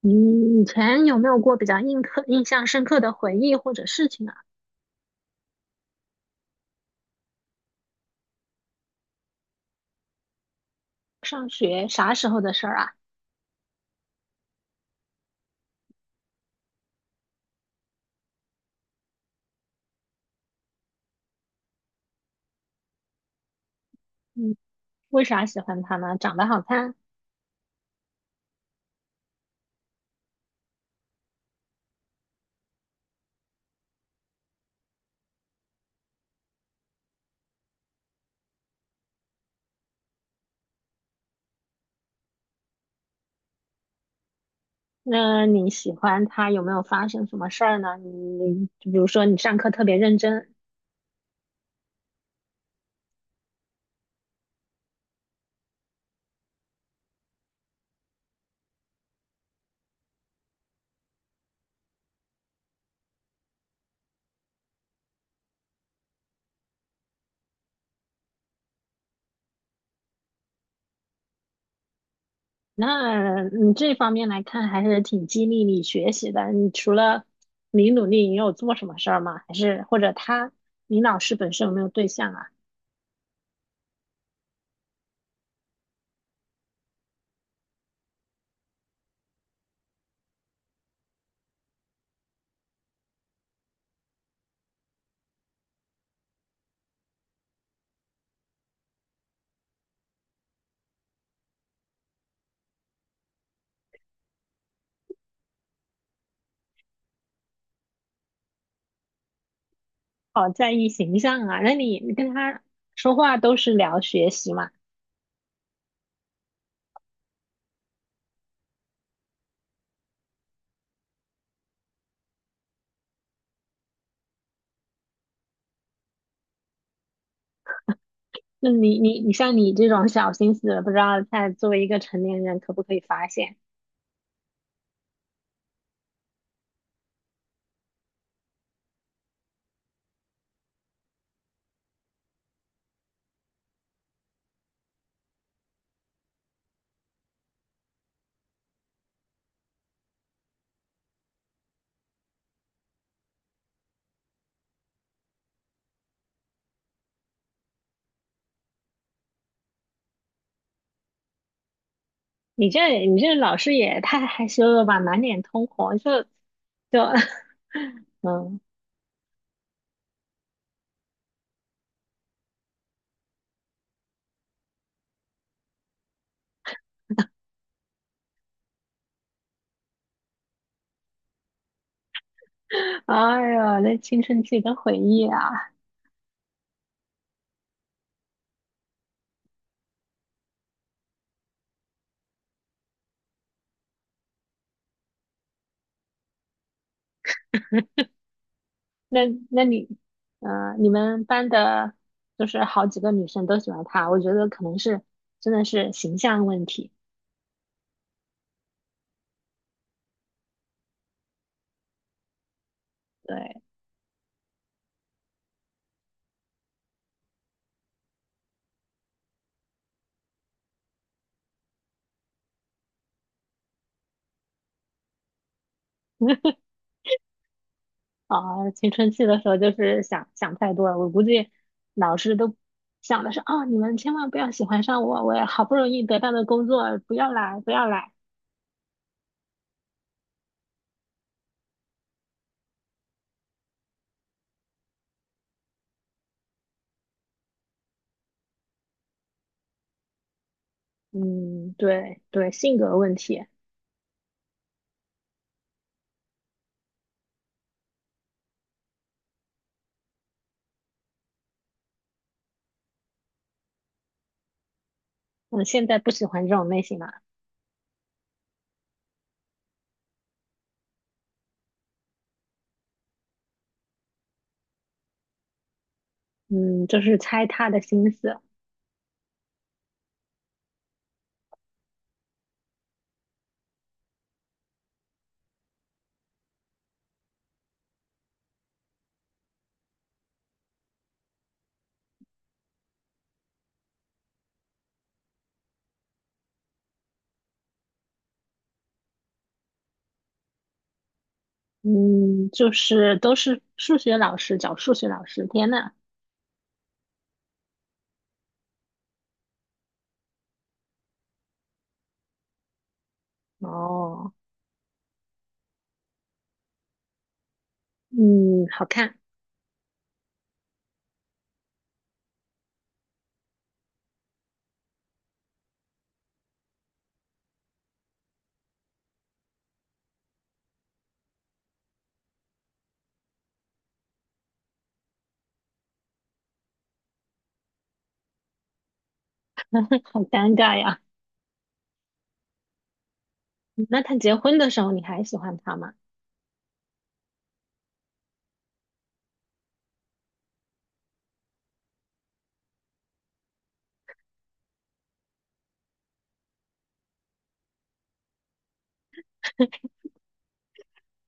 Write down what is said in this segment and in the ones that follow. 你以前有没有过比较印刻、印象深刻的回忆或者事情啊？上学啥时候的事儿啊？嗯，为啥喜欢他呢？长得好看？那你喜欢他有没有发生什么事儿呢？你就比如说你上课特别认真，那你这方面来看还是挺激励你学习的。你除了你努力，你有做什么事儿吗？还是或者他，你老师本身有没有对象啊？好在意形象啊？那你跟他说话都是聊学习嘛？那你像你这种小心思，不知道在作为一个成年人可不可以发现？你这你这老师也太害羞了吧，满脸通红，就 嗯，哎呦，那青春期的回忆啊，那那你，嗯、你们班的，就是好几个女生都喜欢他，我觉得可能是真的是形象问题，对，啊，青春期的时候就是想想太多了，我估计老师都想的是啊，你们千万不要喜欢上我，我也好不容易得到的工作，不要来，不要来。嗯，对对，性格问题。我现在不喜欢这种类型了。嗯，就是猜他的心思。嗯，就是都是数学老师，找数学老师，天呐。哦，嗯，好看，好尴尬呀。那他结婚的时候，你还喜欢他吗？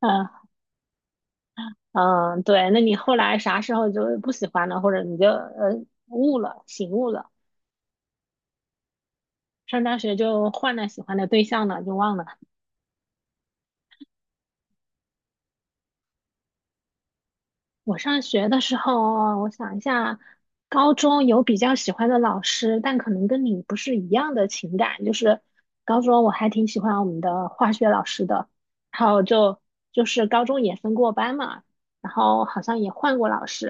呃嗯，对，那你后来啥时候就不喜欢了，或者你就悟了、醒悟了，上大学就换了喜欢的对象了，就忘了。我上学的时候，我想一下，高中有比较喜欢的老师，但可能跟你不是一样的情感。就是高中我还挺喜欢我们的化学老师的，然后就是高中也分过班嘛，然后好像也换过老师，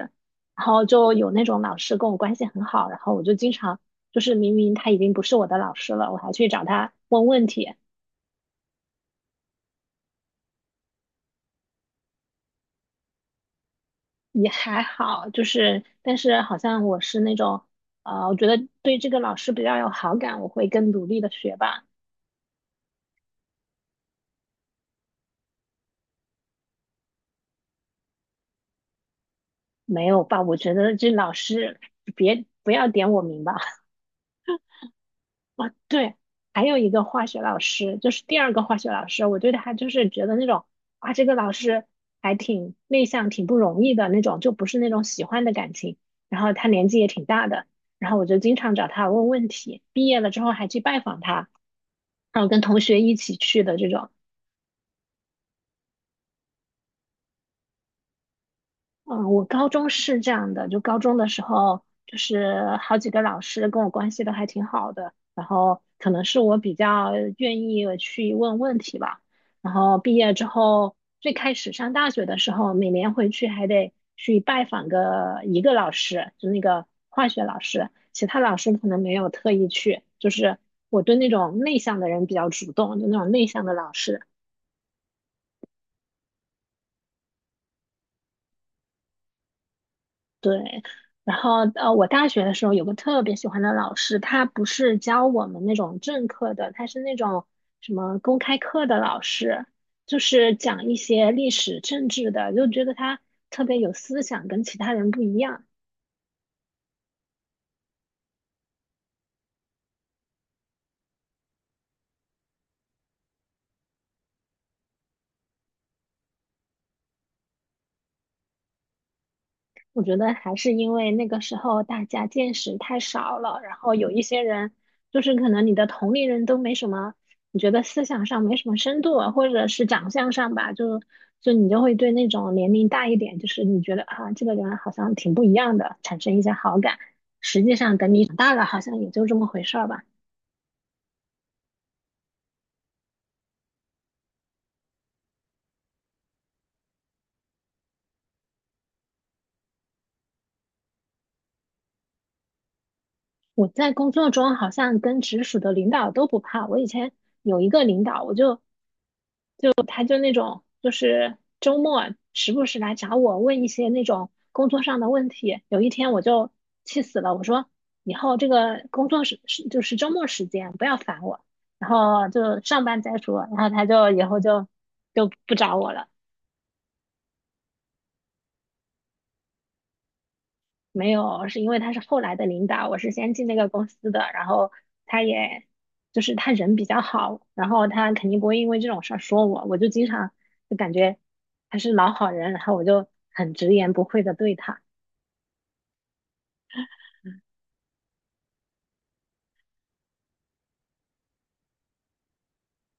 然后就有那种老师跟我关系很好，然后我就经常就是明明他已经不是我的老师了，我还去找他问问题。也还好，就是但是好像我是那种，我觉得对这个老师比较有好感，我会更努力的学吧。没有吧？我觉得这老师别不要点我名吧。对，还有一个化学老师，就是第二个化学老师，我对他就是觉得那种啊，这个老师还挺内向，挺不容易的那种，就不是那种喜欢的感情。然后他年纪也挺大的，然后我就经常找他问问题，毕业了之后还去拜访他。然后跟同学一起去的这种。嗯，我高中是这样的，就高中的时候，就是好几个老师跟我关系都还挺好的，然后可能是我比较愿意去问问题吧。然后毕业之后，最开始上大学的时候，每年回去还得去拜访个一个老师，就那个化学老师，其他老师可能没有特意去。就是我对那种内向的人比较主动，就那种内向的老师。对，然后我大学的时候有个特别喜欢的老师，他不是教我们那种正课的，他是那种什么公开课的老师，就是讲一些历史政治的，就觉得他特别有思想，跟其他人不一样。我觉得还是因为那个时候大家见识太少了，然后有一些人就是可能你的同龄人都没什么，你觉得思想上没什么深度啊或者是长相上吧，就你就会对那种年龄大一点，就是你觉得啊这个人好像挺不一样的，产生一些好感。实际上等你长大了，好像也就这么回事儿吧。我在工作中好像跟直属的领导都不怕，我以前有一个领导，我就。就他就那种就是周末时不时来找我问一些那种工作上的问题。有一天我就气死了，我说以后这个工作时时就是周末时间不要烦我，然后就上班再说。然后他就以后就不找我了。没有，是因为他是后来的领导，我是先进那个公司的，然后他也就是他人比较好，然后他肯定不会因为这种事儿说我，我就经常就感觉他是老好人，然后我就很直言不讳的对他。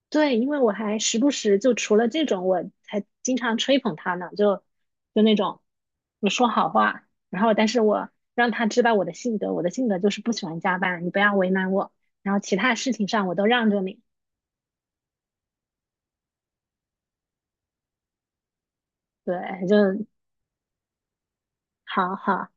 对，因为我还时不时就除了这种，我还经常吹捧他呢，就那种我说好话，然后但是我让他知道我的性格，我的性格就是不喜欢加班，你不要为难我，然后其他事情上我都让着你。对，就好好